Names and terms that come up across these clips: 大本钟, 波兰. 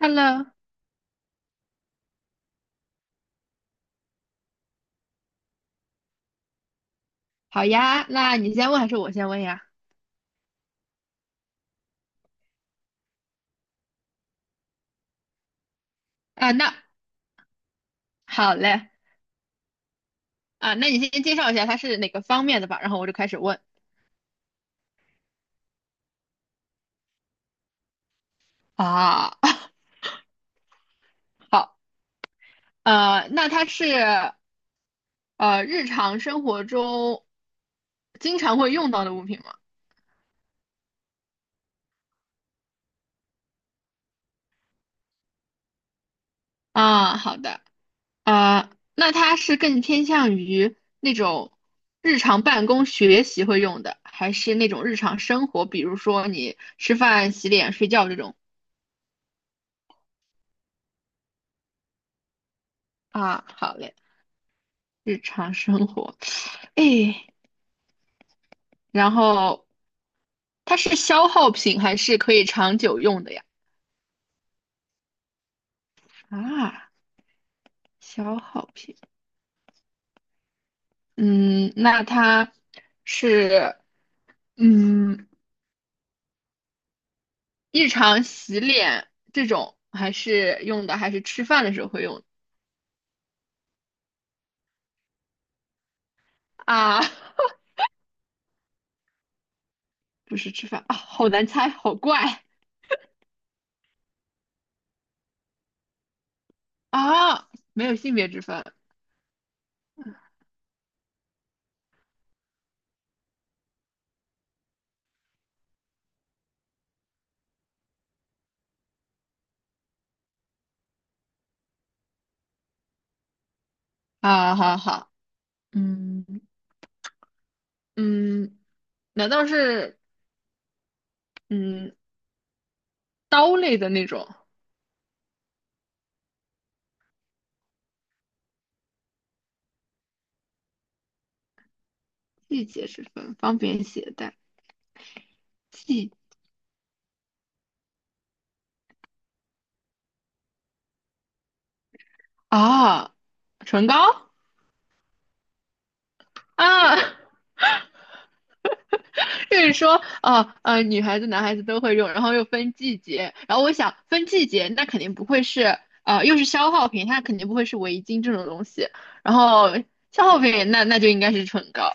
Hello，好呀，那你先问还是我先问呀？啊，那好嘞。啊，那你先介绍一下它是哪个方面的吧，然后我就开始问。啊。好，那它是日常生活中经常会用到的物品吗？啊，好的。呃，那它是更偏向于那种日常办公学习会用的，还是那种日常生活，比如说你吃饭、洗脸、睡觉这种？啊，好嘞，日常生活。哎，然后它是消耗品还是可以长久用的呀？啊，消耗品。嗯，那它是嗯日常洗脸这种还是用的，还是吃饭的时候会用的啊？不是吃饭啊，好难猜，好怪啊。没有性别之分啊，好好。嗯嗯，难道是嗯刀类的那种？季节之分，方便携带？啊，唇膏啊。就是说，哦，女孩子、男孩子都会用，然后又分季节，然后我想分季节，那肯定不会是，呃，又是消耗品，它肯定不会是围巾这种东西，然后消耗品，那就应该是唇膏。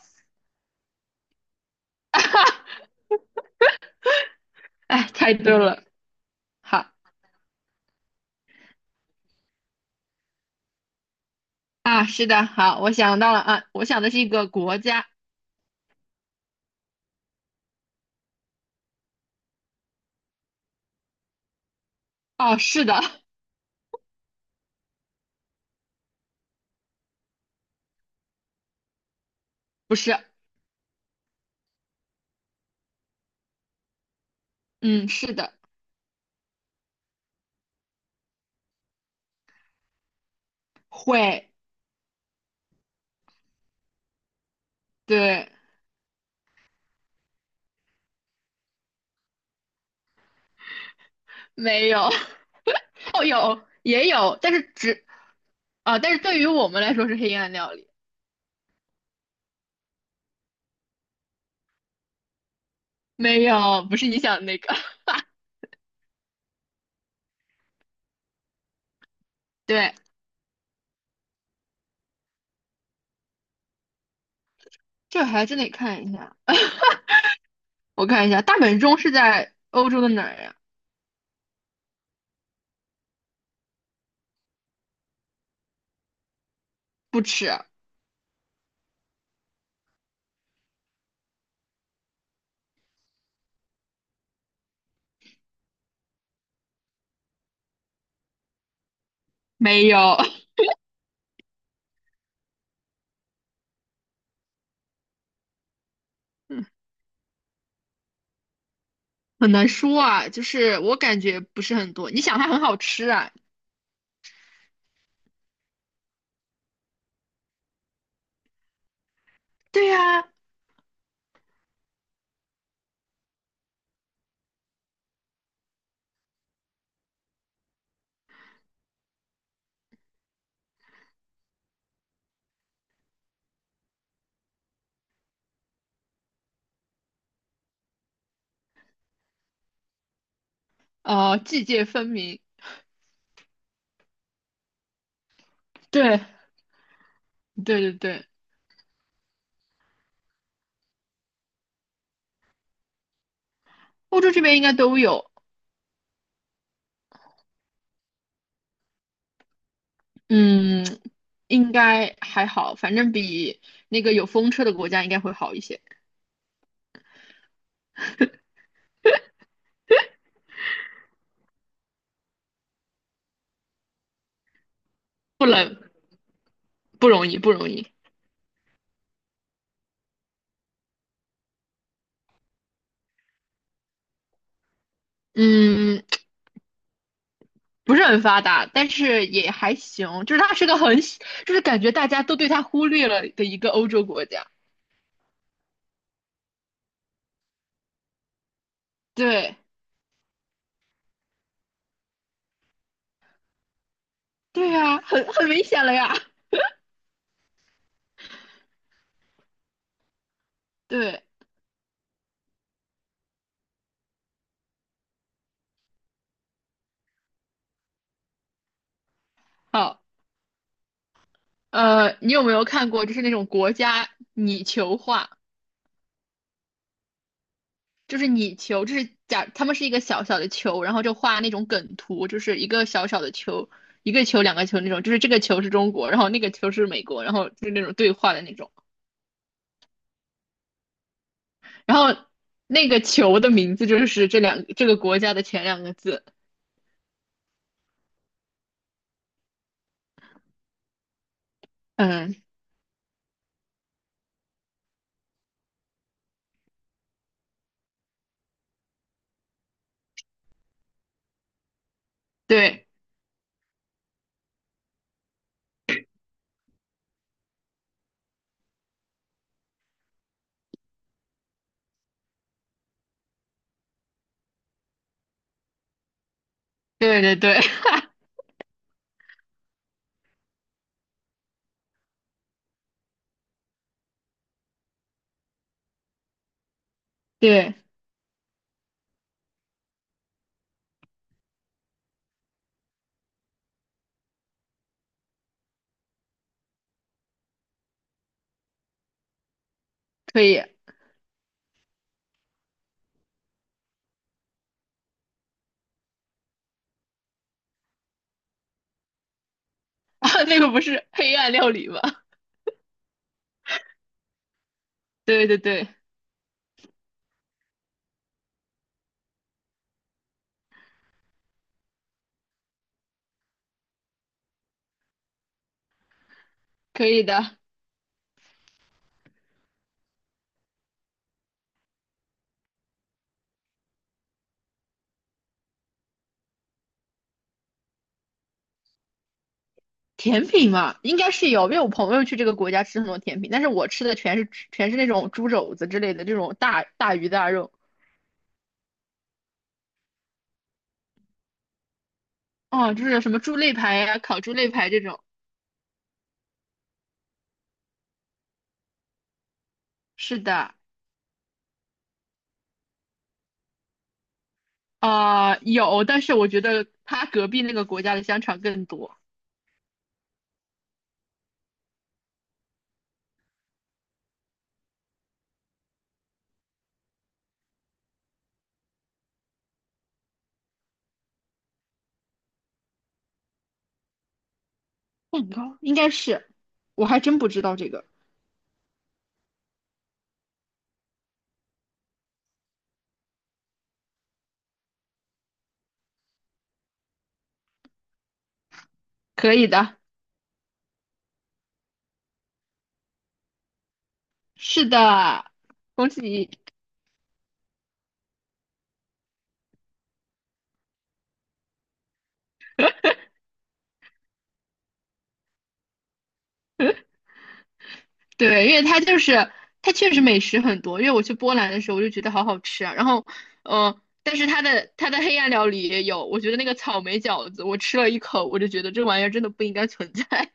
哎，太对了，好啊。是的，好，我想到了啊，我想的是一个国家。哦，是的。不是。嗯，是的。会。对。没有。哦，有，也有，但是只啊，但是对于我们来说是黑暗料理。没有，不是你想的那个。对，这还真得看一下。我看一下，大本钟是在欧洲的哪儿呀？不吃。没有。嗯很难说啊。就是我感觉不是很多。你想它很好吃啊？对呀。呃，季节分明。对。对对对。欧洲这边应该都有。嗯，应该还好，反正比那个有风车的国家应该会好一些。不冷。不容易，不容易。嗯，不是很发达，但是也还行，就是它是个很小，就是感觉大家都对它忽略了的一个欧洲国家。对。对呀，很明显了呀。对。好，呃，你有没有看过就是那种国家拟球画？就是拟球，就是假他们是一个小小的球，然后就画那种梗图，就是一个小小的球，一个球两个球那种，就是这个球是中国，然后那个球是美国，然后就是那种对话的那种，然后那个球的名字就是这个国家的前两个字。嗯。对。对对对。对。可以。啊，那个不是黑暗料理吗？对对对。可以的。甜品嘛，应该是有，因为我朋友去这个国家吃很多甜品，但是我吃的全是那种猪肘子之类的这种大鱼大肉。哦，就是什么猪肋排呀、烤猪肋排这种。是的。啊、有，但是我觉得他隔壁那个国家的香肠更多。蛋糕应该是，我还真不知道这个。可以的。是的，恭喜你。对，因为它就是它确实美食很多。因为我去波兰的时候，我就觉得好好吃啊。然后，呃，但是它的黑暗料理也有，我觉得那个草莓饺子，我吃了一口，我就觉得这玩意儿真的不应该存在。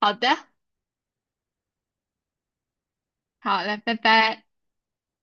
好的。好嘞，拜拜。